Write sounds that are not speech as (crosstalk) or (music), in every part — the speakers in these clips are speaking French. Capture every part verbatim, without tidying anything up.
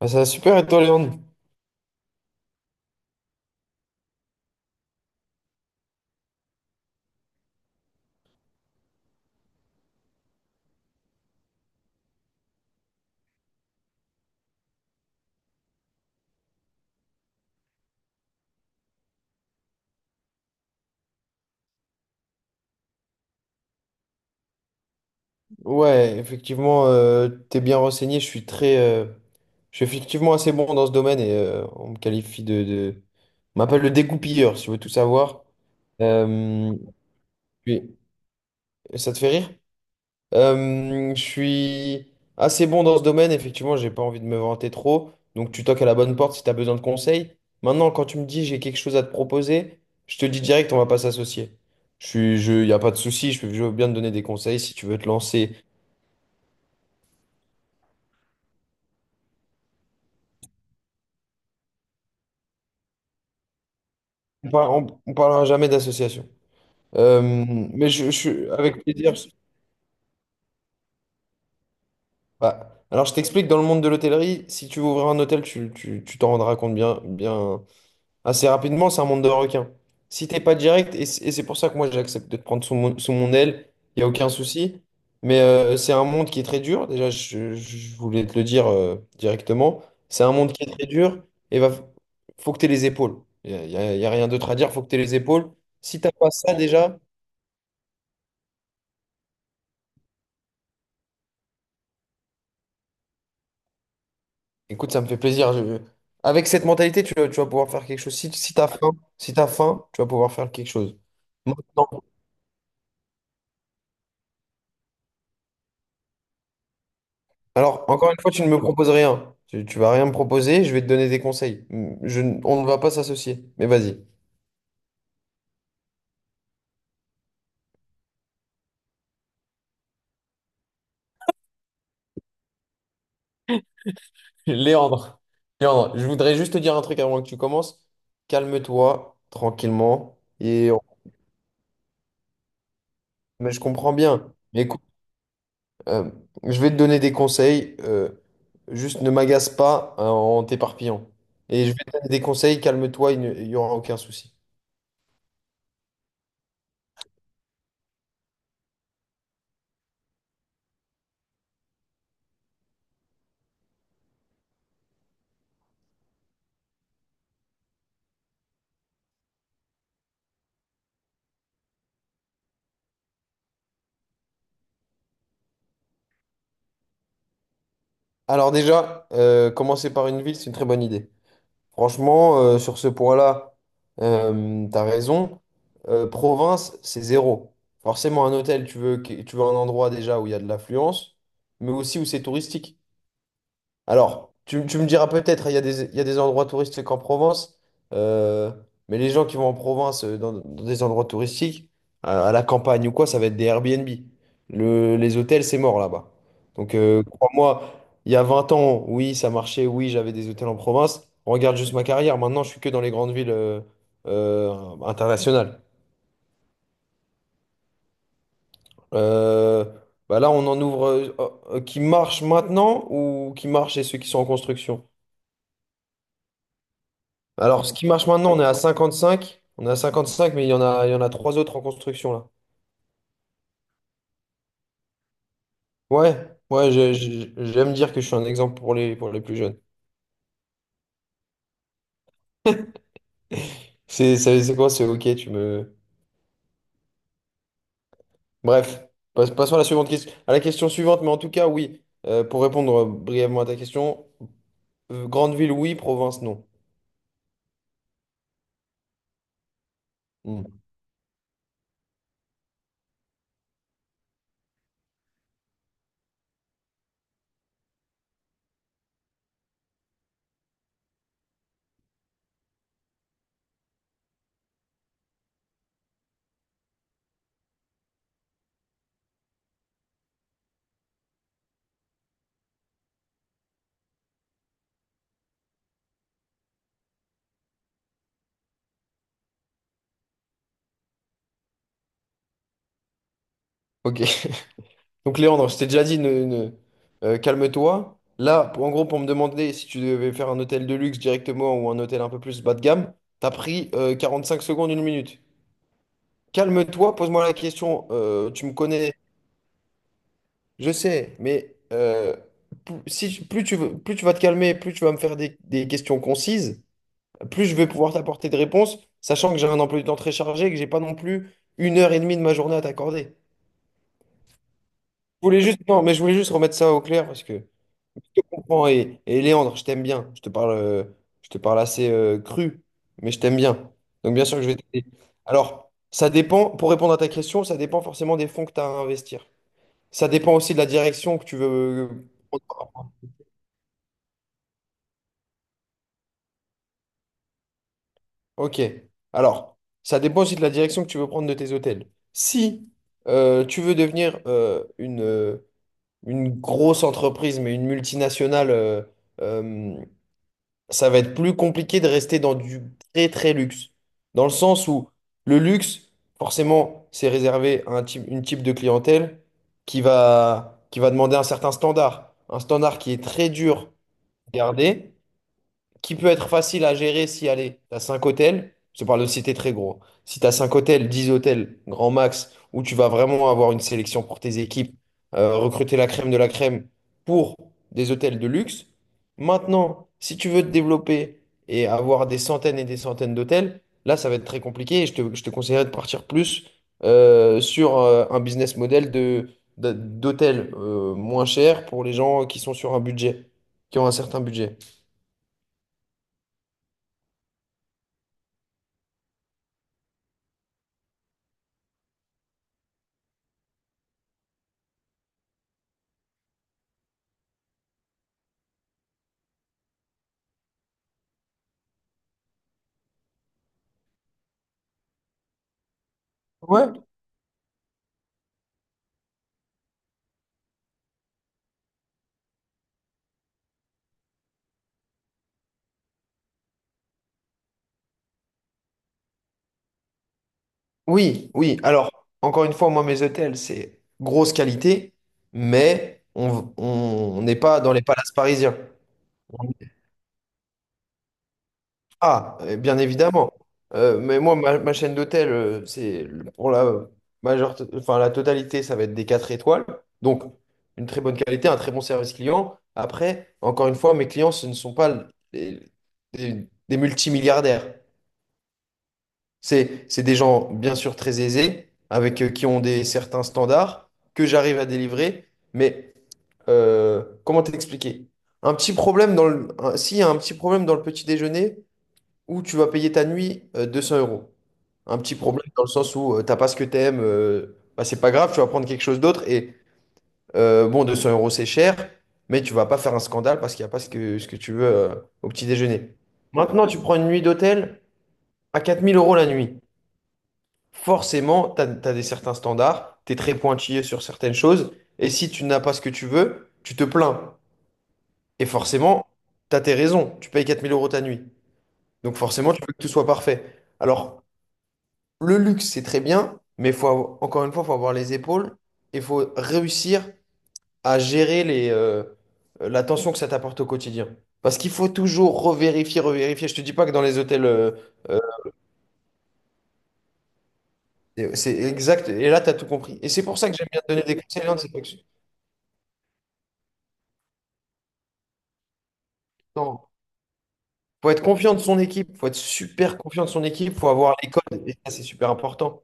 Ah, ça va super, et toi, Léon? Ouais, effectivement, euh, t'es bien renseigné. Je suis très, euh, je suis effectivement assez bon dans ce domaine et euh, on me qualifie de, de- on m'appelle le dégoupilleur, si tu veux tout savoir. Euh, puis- Ça te fait rire? Euh, je suis assez bon dans ce domaine, effectivement, j'ai pas envie de me vanter trop. Donc, tu toques à la bonne porte si tu as besoin de conseils. Maintenant, quand tu me dis j'ai quelque chose à te proposer, je te dis direct, on va pas s'associer. Je suis, je, y a pas de souci, je peux je veux bien te donner des conseils si tu veux te lancer. On par- on- on parlera jamais d'association. Euh, mais je, je- suis avec plaisir. Bah, alors, je t'explique, dans le monde de l'hôtellerie, si tu veux ouvrir un hôtel, tu, tu- tu t'en rendras compte bien, bien assez rapidement. C'est un monde de requins. Si t'es pas direct, et c'est et c'est pour ça que moi j'accepte de te prendre sous mon, sous mon aile, il n'y a aucun souci. Mais euh, c'est un monde qui est très dur. Déjà, je, je voulais te le dire euh, directement. C'est un monde qui est très dur et va, faut que tu aies les épaules. Il n'y a, y a- y a rien d'autre à dire, faut que tu aies les épaules. Si t'as pas ça déjà. Écoute, ça me fait plaisir. je- Avec cette mentalité, tu, vas- tu vas pouvoir faire quelque chose. Si, si t'as faim, si t'as faim, tu vas pouvoir faire quelque chose. Maintenant. Alors, encore une fois, tu ne me proposes rien. Tu, tu vas rien me proposer, je vais te donner des conseils. Je n- on ne va pas s'associer, mais vas-y. (laughs) Léandre, Léandre, je voudrais juste te dire un truc avant que tu commences. Calme-toi, tranquillement. Et... on- Mais je comprends bien. Mais écoute. Euh, je vais te donner des conseils. Euh, juste ne m'agace pas euh, en t'éparpillant. Et je vais te donner des conseils, calme-toi, il n'y aura aucun souci. Alors déjà, euh, commencer par une ville, c'est une très bonne idée. Franchement, euh, sur ce point-là, euh, t'as raison. Euh, province, c'est zéro. Forcément, un hôtel, tu veux, que- tu veux un endroit déjà où il y a de l'affluence, mais aussi où c'est touristique. Alors, tu, tu me diras peut-être, il y a des, il y a des endroits touristiques en Provence, euh, mais les gens qui vont en province, euh, dans, dans des endroits touristiques, à, à la campagne ou quoi, ça va être des Airbnb. Le- les hôtels, c'est mort là-bas. Donc, euh, crois-moi, il y a vingt ans, oui, ça marchait, oui, j'avais des hôtels en province. Regarde juste ma carrière, maintenant, je suis que dans les grandes villes euh, euh, internationales. Euh, Bah là, on en ouvre euh, euh, qui marchent maintenant ou qui marchent et ceux qui sont en construction? Alors, ce qui marche maintenant, on est à cinquante-cinq. On est à cinquante-cinq, mais il y en a, il y en a trois autres en construction là. Ouais, ouais, j'ai- j'ai- j'aime dire que je suis un exemple pour les, pour les plus jeunes. C'est c'est- c'est quoi? C'est ok, tu me. Bref, passe- passons à la suivante question, à la question suivante, mais en tout cas, oui. Euh, pour répondre brièvement à ta question, euh, grande ville, oui, province, non. Hmm. Ok. Donc Léandre, je t'ai déjà dit, ne, ne- euh, calme-toi. Là, pour- en gros, pour me demander si tu devais faire un hôtel de luxe directement ou un hôtel un peu plus bas de gamme, t'as pris euh, quarante-cinq secondes, une minute. Calme-toi, pose-moi la question. Euh, tu me connais, je sais, mais euh, plus, si- plus tu veux- plus tu vas te calmer, plus tu vas me faire des, des questions concises, plus je vais pouvoir t'apporter des réponses, sachant que j'ai un emploi du temps très chargé et que j'ai pas non plus une heure et demie de ma journée à t'accorder. Je voulais juste, non, mais je voulais juste remettre ça au clair parce que je te comprends. Et, et Léandre, je t'aime bien. Je te parle, euh, je te parle assez euh, cru, mais je t'aime bien. Donc, bien sûr que je vais t'aider. Alors, ça dépend, pour répondre à ta question, ça dépend forcément des fonds que tu as à investir. Ça dépend aussi de la direction que tu veux euh, prendre. Ok. Alors, ça dépend aussi de la direction que tu veux prendre de tes hôtels. Si euh, tu veux devenir euh, une, euh, une grosse entreprise, mais une multinationale, euh, euh, ça va être plus compliqué de rester dans du très très luxe. Dans le sens où le luxe, forcément, c'est réservé à un type, une type de clientèle qui va, qui va demander un certain standard. Un standard qui est très dur à garder qui peut être facile à gérer si, allez, t'as cinq hôtels, je te parle de cités très gros. Si t'as cinq hôtels, dix hôtels, grand max, où tu vas vraiment avoir une sélection pour tes équipes, euh, recruter la crème de la crème pour des hôtels de luxe. Maintenant, si tu veux te développer et avoir des centaines et des centaines d'hôtels, là, ça va être très compliqué et je te, je te conseillerais de partir plus euh, sur euh, un business model de, de- d'hôtels euh, moins chers pour les gens qui sont sur un budget, qui ont un certain budget. Ouais. Oui, oui. Alors, encore une fois, moi, mes hôtels, c'est grosse qualité, mais on on n'est pas dans les palaces parisiens. On- Ah, euh, bien évidemment. Euh, mais moi, ma, ma chaîne d'hôtels, euh, c'est le- pour la majeure, enfin, la totalité, ça va être des quatre étoiles. Donc, une très bonne qualité, un très bon service client. Après, encore une fois, mes clients, ce ne sont pas les- des, des multimilliardaires. C'est, c'est des gens, bien sûr, très aisés, avec euh, qui ont des certains standards que j'arrive à délivrer. Mais euh, comment t'expliquer? Un petit problème dans le, un- S'il y a un petit problème dans le petit déjeuner où tu vas payer ta nuit euh, deux cents euros. Un petit problème dans le sens où euh, t'as pas ce que t'aimes, euh, bah, c'est pas grave, tu vas prendre quelque chose d'autre. Et euh, bon, deux cents euros, c'est cher, mais tu vas pas faire un scandale parce qu'il n'y a pas ce que, ce que tu veux euh, au petit déjeuner. Maintenant, tu prends une nuit d'hôtel à quatre mille euros la nuit forcément, tu as, des certains standards, tu es très pointillé sur certaines choses, et si tu n'as pas ce que tu veux, tu te plains. Et forcément, tu as tes raisons, tu payes quatre mille euros ta nuit. Donc forcément, tu veux que tout soit parfait. Alors, le luxe, c'est très bien, mais faut avoir- encore une fois, il faut avoir les épaules et il faut réussir à gérer les, euh, la tension que ça t'apporte au quotidien. Parce qu'il faut toujours revérifier, revérifier. Je te dis pas que dans les hôtels, euh, euh, c'est c'est exact. Et là, tu as tout compris. Et c'est pour ça que j'aime bien te donner des conseils, hein. c'est pas que- Non. Faut être confiant de son équipe, faut être super confiant de son équipe, faut avoir les codes, et ça c'est super important.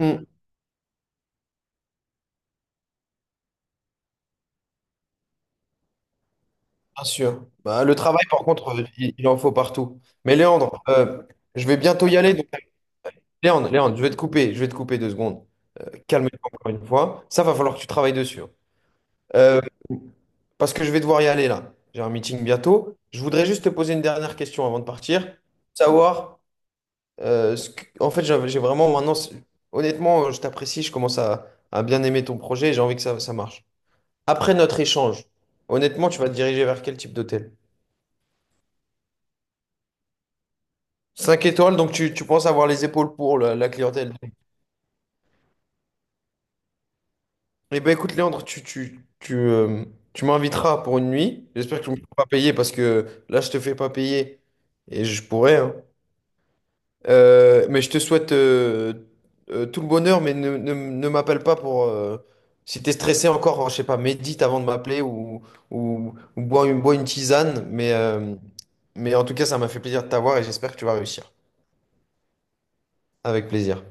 Mm, bien sûr. Bah, le travail, par contre, euh, il, il en faut partout. Mais Léandre, euh, je vais bientôt y aller. donc- Léandre, Léandre, je vais te couper, je vais te couper deux secondes. Euh, calme-toi encore une fois. Ça va falloir que tu travailles dessus, hein. Euh, Parce que je vais devoir y aller là. J'ai un meeting bientôt. Je voudrais juste te poser une dernière question avant de partir. Savoir, euh, ce que- en fait, j'avais- j'ai vraiment maintenant, c'est- Honnêtement, je t'apprécie, je commence à, à bien aimer ton projet et j'ai envie que ça, ça marche. Après notre échange, honnêtement, tu vas te diriger vers quel type d'hôtel? Cinq étoiles, donc tu, tu penses avoir les épaules pour la, la clientèle. Eh ben écoute, Léandre, tu, tu, tu, euh, tu m'inviteras pour une nuit. J'espère que tu ne me feras pas payer parce que là, je te fais pas payer et je pourrais, hein. Euh, mais je te souhaite euh, euh, tout le bonheur, mais ne, ne, ne m'appelle pas pour. Euh, si tu es stressé encore, je sais pas, médite avant de m'appeler ou, ou, ou bois une, bois une tisane. Mais, euh, mais en tout cas, ça m'a fait plaisir de t'avoir et j'espère que tu vas réussir. Avec plaisir.